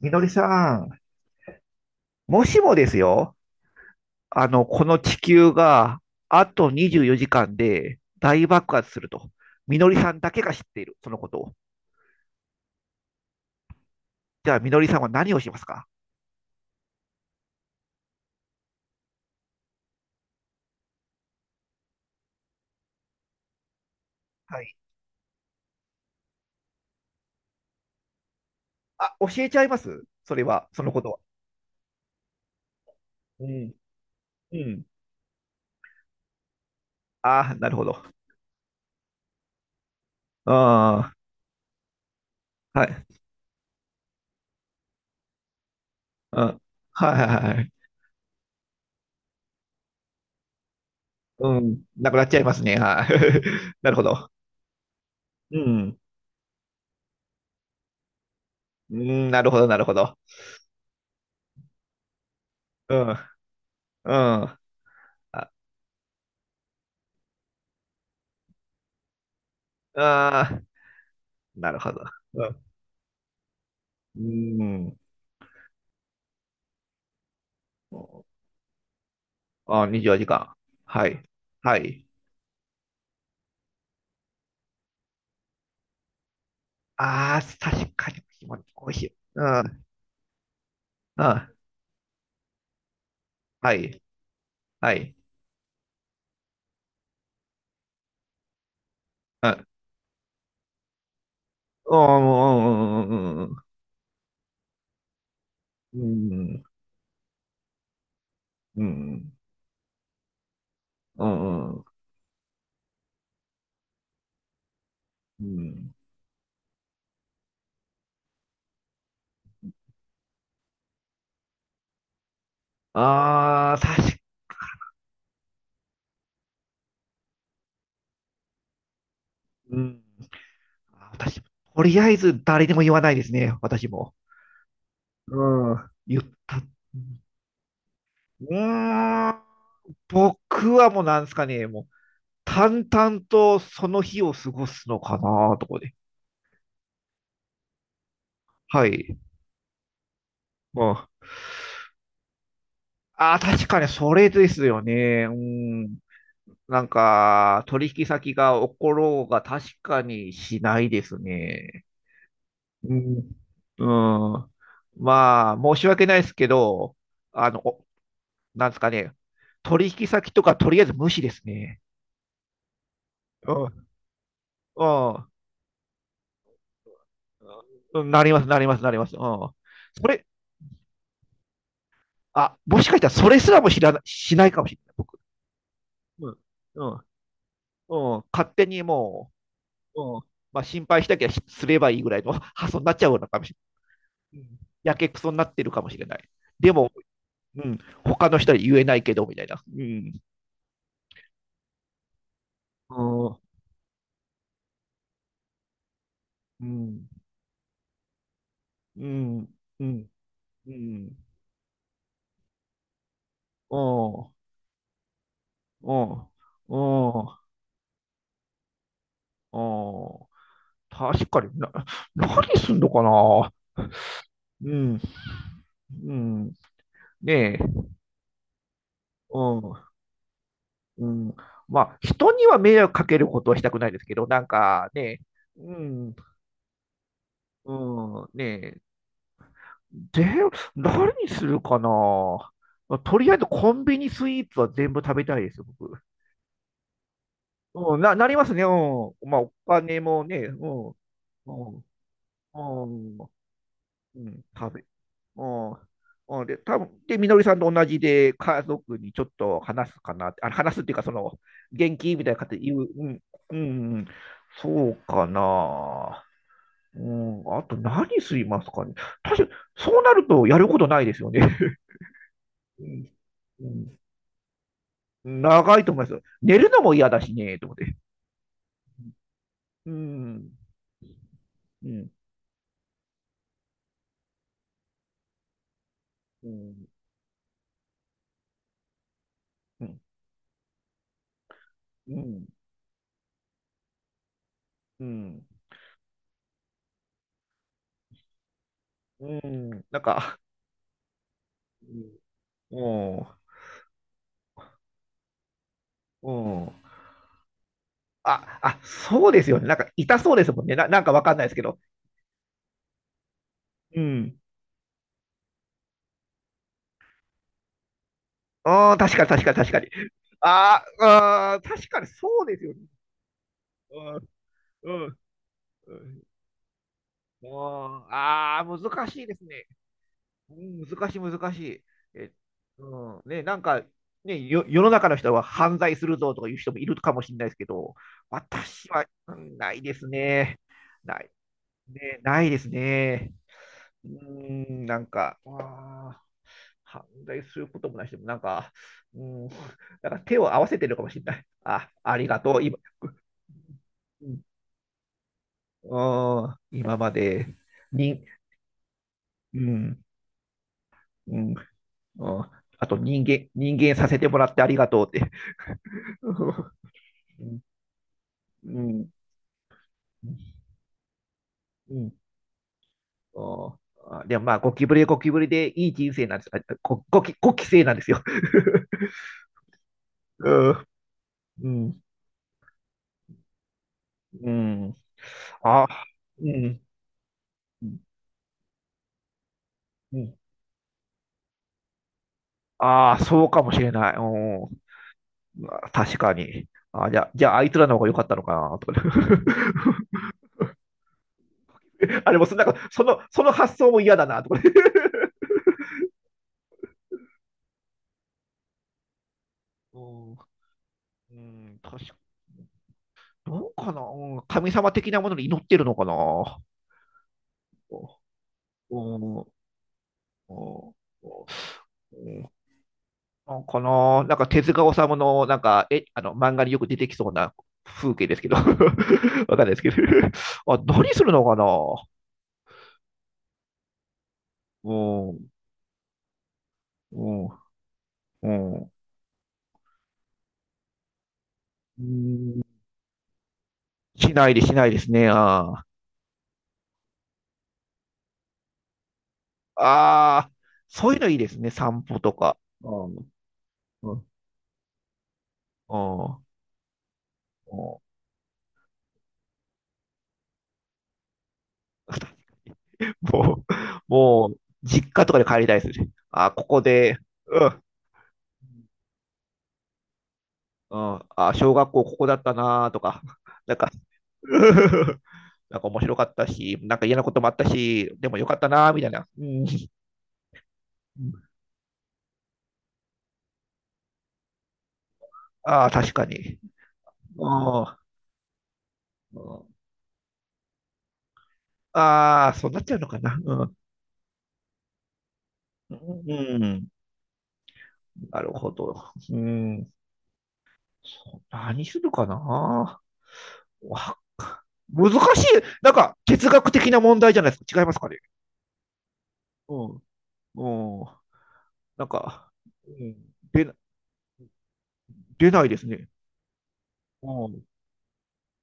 みのりさん、もしもですよ、この地球があと24時間で大爆発すると、みのりさんだけが知っている、そのことを。じゃあ、みのりさんは何をしますか？はい。あ、教えちゃいますそれは、そのことは。うん。うん。ああ、なるほど。うん。はい。うん。はいはいはい。うん。なくなっちゃいますね。はい。なるほど。うん。うん、なるほど、なるほど。うん。うん。あ、ああなるほど。うんうーん。あ、24時間。はい。はい。ああ、確かに気持ち美味しい。うん。うん。はい。はい。うん。うんうんうんうんうんうん。うんうんうん。ああ、確かうん。あ私、とりあえず誰にも言わないですね。私も。うん。言った。うーん。僕はもうなんですかね。もう、淡々とその日を過ごすのかなとこで。はい。うん。ああ、確かにそれですよね。うん。なんか、取引先が起ころうが確かにしないですね。うん。うん。まあ、申し訳ないですけど、おなんですかね。取引先とかとりあえず無視ですね。うん。うん。なります、なります、なります。うん。それ、あ、もしかしたらそれすらも知らな、しないかもしれない、僕。うん。うん。うん。勝手にもう、うん。まあ、心配したきゃしすればいいぐらいの 発想になっちゃうのかもしれない。うんやけくそになってるかもしれない。でも、うん、他の人に言えないけど、みたいな。うん。うん。うん。うん。うん。うん。うん。うん。うん。確かにな、何すんのかな。うん。うん。ねえ。うん。うん。まあ、人には迷惑かけることはしたくないですけど、なんかね、うん、うん、ねで、何にするかな、まあとりあえずコンビニスイーツは全部食べたいですよ、僕。うん、な、なりますね。うん。まあ、お金もね、うん、うん、うん、うん、食べ、うん、うん。で、多分で、みのりさんと同じで、家族にちょっと話すかなって、あ、話すっていうか、その、元気みたいな形で言う、うん、うん、そうかな。うん、あと何すいますかね。確かに、そうなるとやることないですよね。うんうん長いと思いますよ。寝るのも嫌だしね、と思って。うん、うん、うん、うん、うん、うん、うん、なんか、うん、うん。あ、あ、そうですよね。なんか痛そうですもんね。な、なんかわかんないですけど。うん。ああ、確かに確かに確かに。あーあー、確かにそうですよね。うん、うん、うん。ああー、難しいですね。うん難しい、難しい。え、うん、ね、なんか、ね、よ、世の中の人は犯罪するぞとかいう人もいるかもしれないですけど、私は、うんないですね。ない、ね、ないですね。うん、なんか、あー犯罪することもないし、もなんか、うん、なんか手を合わせてるかもしれない。あ、ありがとう、今、うん、うん今まで、に、うん、うん、うん、あと人間、人間させてもらってありがとうって。うん。うん。おーあでもまあ、ゴキブリはゴキブリでいい人生なんです。あゴゴキ、ゴキ生なんですよ。うん。うん。うん。あ、うん。うん。うんああ、そうかもしれない。うん。確かに。あ、じゃあ、じゃあ、あいつらの方が良かったのかな、とか、ね。あれもそ、なんか、その発想も嫌だな、とか、ね。うんうん確かどうかな、うん神様的なものに祈ってるのかな、うんおおうんあこの、なんか手塚治虫の、なんか、え、漫画によく出てきそうな風景ですけど、わかんないですけど、あ、何するのかなおおおうんうんしないでしないですね。あーあー、そういうのいいですね。散歩とか。おうん、もう、もう、もう実家とかで帰りたいですね。あここで、うん、うん、あ、小学校ここだったなとか、なんか なんか面白かったし、なんか嫌なこともあったし、でもよかったなみたいな。うん、ああ、確かに。うん、ああ、そうなっちゃうのかな。うん、うんなるほど。うん、何するかなわ、難しい。なんか哲学的な問題じゃないですか？違いますかね？うん、うん、なんか、うん、出な出ないですね。うん、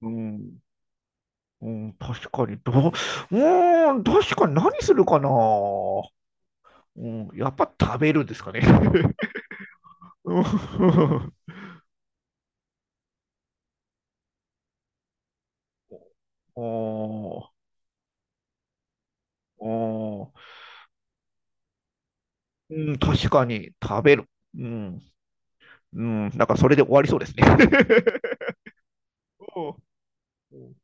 うんうん、確かに、どう、うーん、確かに何するかな。うん、やっぱ食べるんですかね？うん、おーおーうん、確かに食べる。うん、うん、なんかそれで終わりそうですね。うん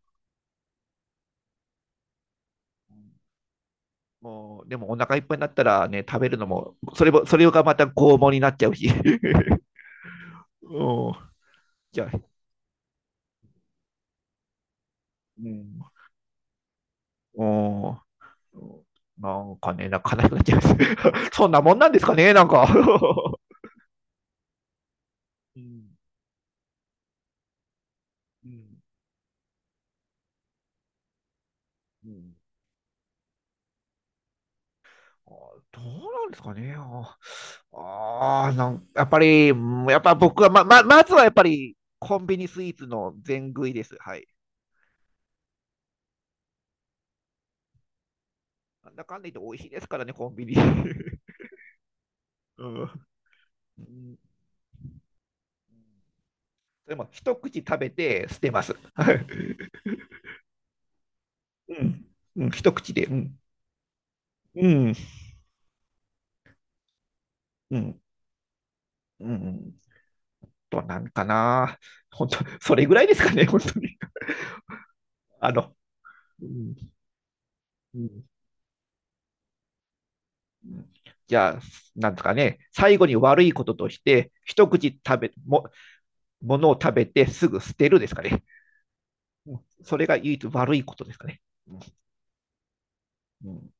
もう、でもお腹いっぱいになったらね、食べるのも、それも、それがまた拷問になっちゃうし。うん、じゃあ、うん、うんなんかね、なんか悲しくなっちゃいます。そんなもんなんですかね、なんか。うん。うん。うん。あどうなんですかね。ああなんやっぱり、やっぱ僕はまずはやっぱりコンビニスイーツの全食いです。はい。なんだかんだ言って美味しいですからね、コンビニ。うん。でも、一口食べて捨てます。はいうん。うん、一口で。うん。うん。うん。うん。となんかな。本当、それぐらいですかね、本当に。あの、うんうんじゃあ、なんとかね、最後に悪いこととして、一口食べ、も、ものを食べてすぐ捨てるですかね。それが唯一悪いことですかね。うんうん